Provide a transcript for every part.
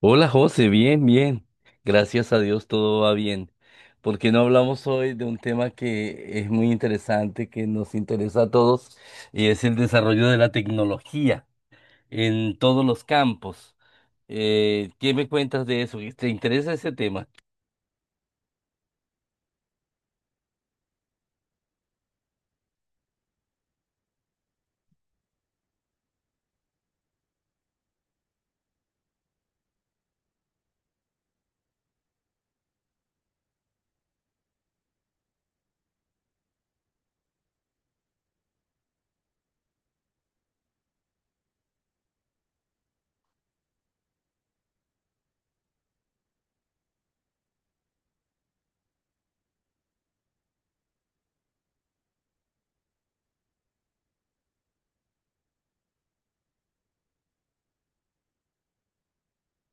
Hola José, bien, bien. Gracias a Dios todo va bien. ¿Por qué no hablamos hoy de un tema que es muy interesante, que nos interesa a todos, y es el desarrollo de la tecnología en todos los campos? ¿qué me cuentas de eso? ¿Te interesa ese tema?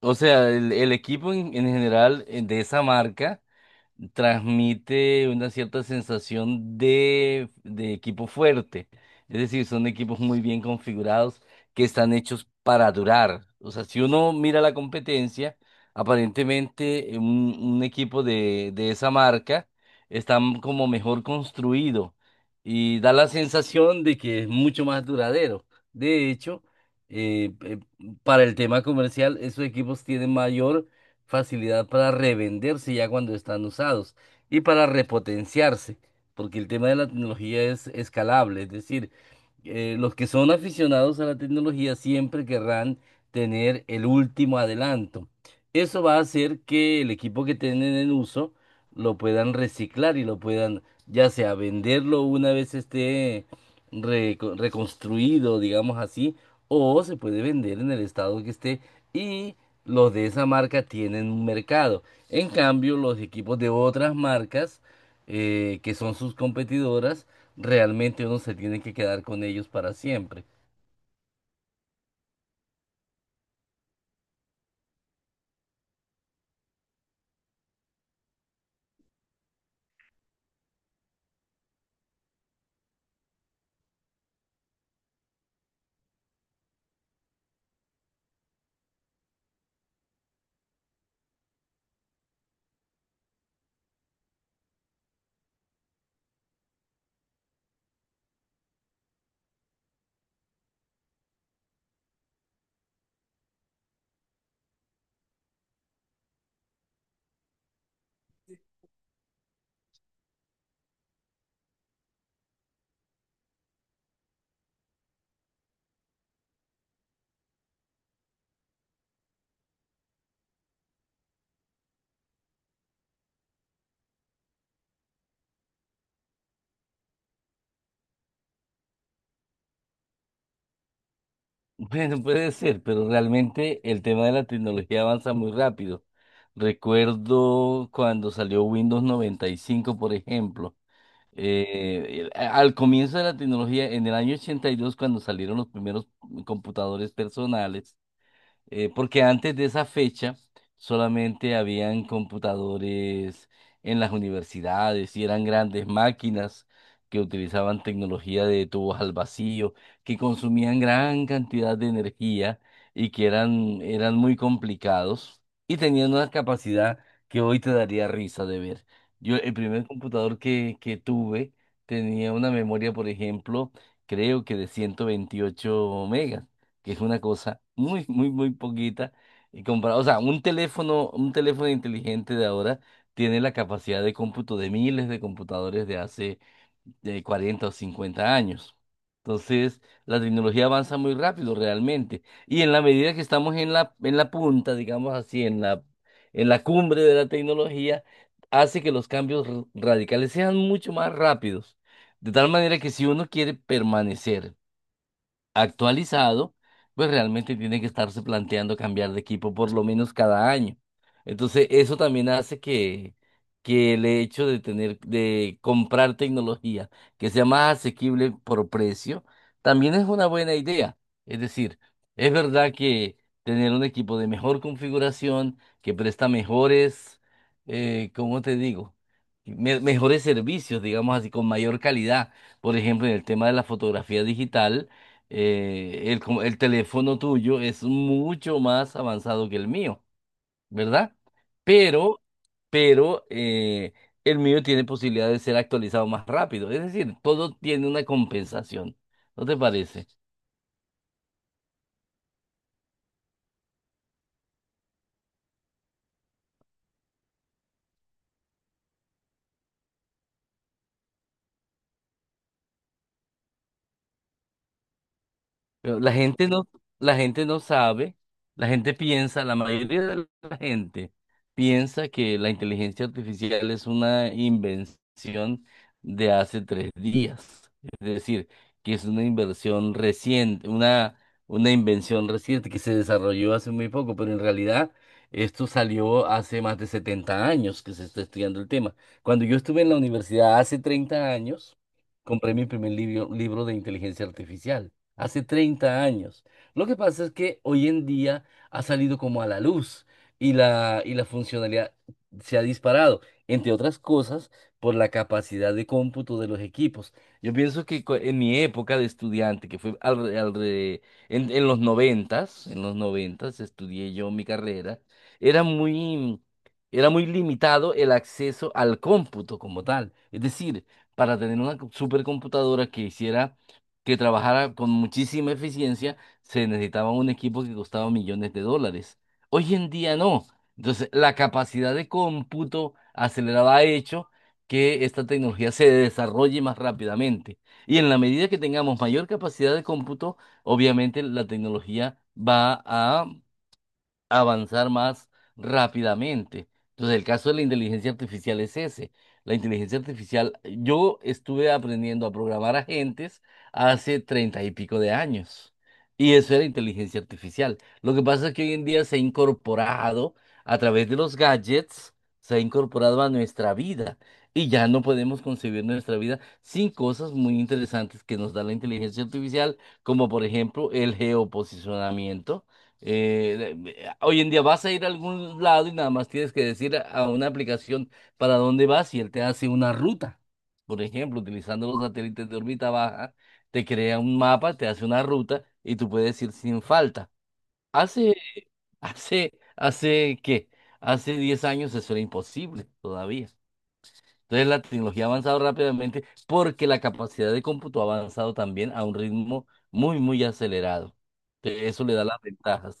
O sea, el equipo en general, de esa marca transmite una cierta sensación de equipo fuerte. Es decir, son equipos muy bien configurados que están hechos para durar. O sea, si uno mira la competencia, aparentemente, un equipo de esa marca está como mejor construido y da la sensación de que es mucho más duradero. De hecho, eh, eh, para el tema comercial, esos equipos tienen mayor facilidad para revenderse ya cuando están usados y para repotenciarse, porque el tema de la tecnología es escalable. Es decir, los que son aficionados a la tecnología siempre querrán tener el último adelanto. Eso va a hacer que el equipo que tienen en uso lo puedan reciclar y lo puedan ya sea venderlo una vez esté reconstruido, digamos así, o se puede vender en el estado que esté, y los de esa marca tienen un mercado. En cambio, los equipos de otras marcas, que son sus competidoras, realmente uno se tiene que quedar con ellos para siempre. Bueno, puede ser, pero realmente el tema de la tecnología avanza muy rápido. Recuerdo cuando salió Windows 95, por ejemplo. Al comienzo de la tecnología, en el año 82, cuando salieron los primeros computadores personales, porque antes de esa fecha solamente habían computadores en las universidades y eran grandes máquinas que utilizaban tecnología de tubos al vacío, que consumían gran cantidad de energía y que eran muy complicados y tenían una capacidad que hoy te daría risa de ver. Yo, el primer computador que tuve tenía una memoria, por ejemplo, creo que de 128 megas, que es una cosa muy, muy, muy poquita. Y comparado, o sea, un teléfono inteligente de ahora tiene la capacidad de cómputo de miles de computadores de hace de 40 o 50 años. Entonces, la tecnología avanza muy rápido realmente. Y en la medida que estamos en en la punta, digamos así, en en la cumbre de la tecnología, hace que los cambios radicales sean mucho más rápidos. De tal manera que si uno quiere permanecer actualizado, pues realmente tiene que estarse planteando cambiar de equipo por lo menos cada año. Entonces, eso también hace que el hecho de tener, de comprar tecnología que sea más asequible por precio, también es una buena idea. Es decir, es verdad que tener un equipo de mejor configuración, que presta mejores, ¿cómo te digo?, mejores servicios, digamos así, con mayor calidad. Por ejemplo, en el tema de la fotografía digital, el, el teléfono tuyo es mucho más avanzado que el mío, ¿verdad? Pero, pero el mío tiene posibilidad de ser actualizado más rápido. Es decir, todo tiene una compensación. ¿No te parece? Pero la gente no sabe, la gente piensa, la mayoría de la gente piensa que la inteligencia artificial es una invención de hace tres días. Es decir, que es una inversión reciente, una invención reciente que se desarrolló hace muy poco, pero en realidad esto salió hace más de 70 años que se está estudiando el tema. Cuando yo estuve en la universidad hace 30 años, compré mi primer libro, libro de inteligencia artificial hace 30 años. Lo que pasa es que hoy en día ha salido como a la luz, y y la funcionalidad se ha disparado, entre otras cosas, por la capacidad de cómputo de los equipos. Yo pienso que en mi época de estudiante, que fue en los noventas estudié yo mi carrera. era muy, Era muy limitado el acceso al cómputo como tal. Es decir, para tener una supercomputadora que trabajara con muchísima eficiencia, se necesitaba un equipo que costaba millones de dólares. Hoy en día no. Entonces, la capacidad de cómputo acelerada ha hecho que esta tecnología se desarrolle más rápidamente. Y en la medida que tengamos mayor capacidad de cómputo, obviamente la tecnología va a avanzar más rápidamente. Entonces, el caso de la inteligencia artificial es ese. La inteligencia artificial, yo estuve aprendiendo a programar agentes hace 30 y pico de años. Y eso era inteligencia artificial. Lo que pasa es que hoy en día se ha incorporado a través de los gadgets, se ha incorporado a nuestra vida. Y ya no podemos concebir nuestra vida sin cosas muy interesantes que nos da la inteligencia artificial, como por ejemplo el geoposicionamiento. Hoy en día vas a ir a algún lado y nada más tienes que decir a una aplicación para dónde vas y él te hace una ruta. Por ejemplo, utilizando los satélites de órbita baja, te crea un mapa, te hace una ruta y tú puedes ir sin falta. Hace, hace, Hace ¿qué? Hace 10 años eso era imposible todavía. Entonces, la tecnología ha avanzado rápidamente porque la capacidad de cómputo ha avanzado también a un ritmo muy, muy acelerado. Entonces, eso le da las ventajas.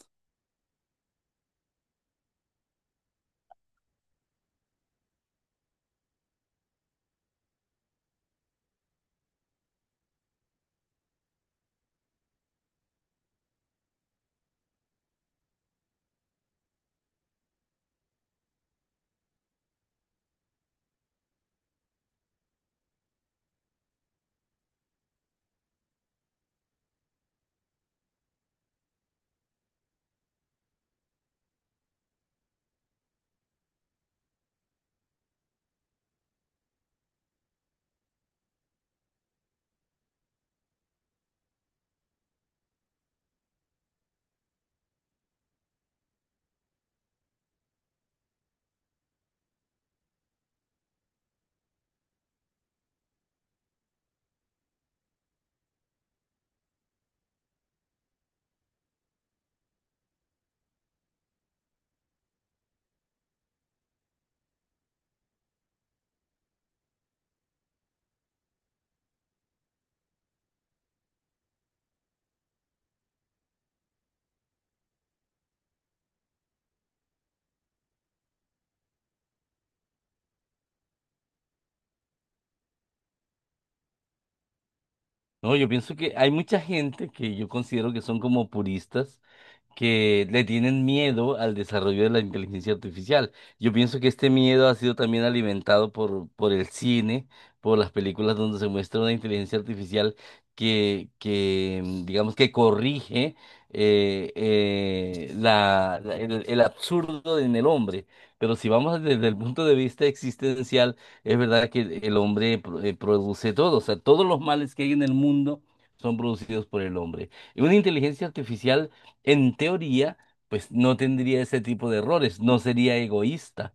No, yo pienso que hay mucha gente que yo considero que son como puristas, que le tienen miedo al desarrollo de la inteligencia artificial. Yo pienso que este miedo ha sido también alimentado por el cine, por las películas donde se muestra una inteligencia artificial que, mm, digamos, que corrige, el absurdo en el hombre. Pero si vamos desde el punto de vista existencial, es verdad que el hombre produce todo. O sea, todos los males que hay en el mundo son producidos por el hombre. Y una inteligencia artificial, en teoría, pues no tendría ese tipo de errores, no sería egoísta.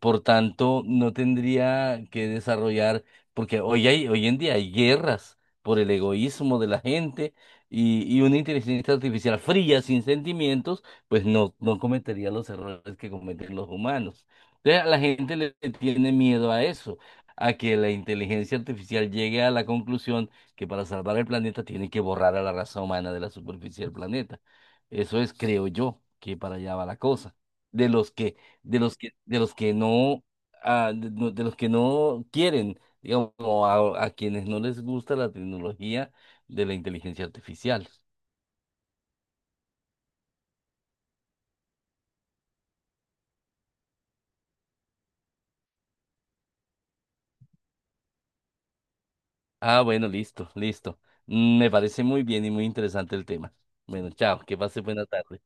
Por tanto, no tendría que desarrollar, porque hoy en día hay guerras por el egoísmo de la gente, y una inteligencia artificial fría, sin sentimientos, pues no, no cometería los errores que cometen los humanos. Entonces, a la gente le tiene miedo a eso, a que la inteligencia artificial llegue a la conclusión que para salvar el planeta tiene que borrar a la raza humana de la superficie del planeta. Eso es, creo yo, que para allá va la cosa. De los que, de los que no, ah, de los que no quieren, digamos, o a quienes no les gusta la tecnología de la inteligencia artificial. Ah, bueno, listo, listo. Mm, me parece muy bien y muy interesante el tema. Bueno, chao, que pase buena tarde.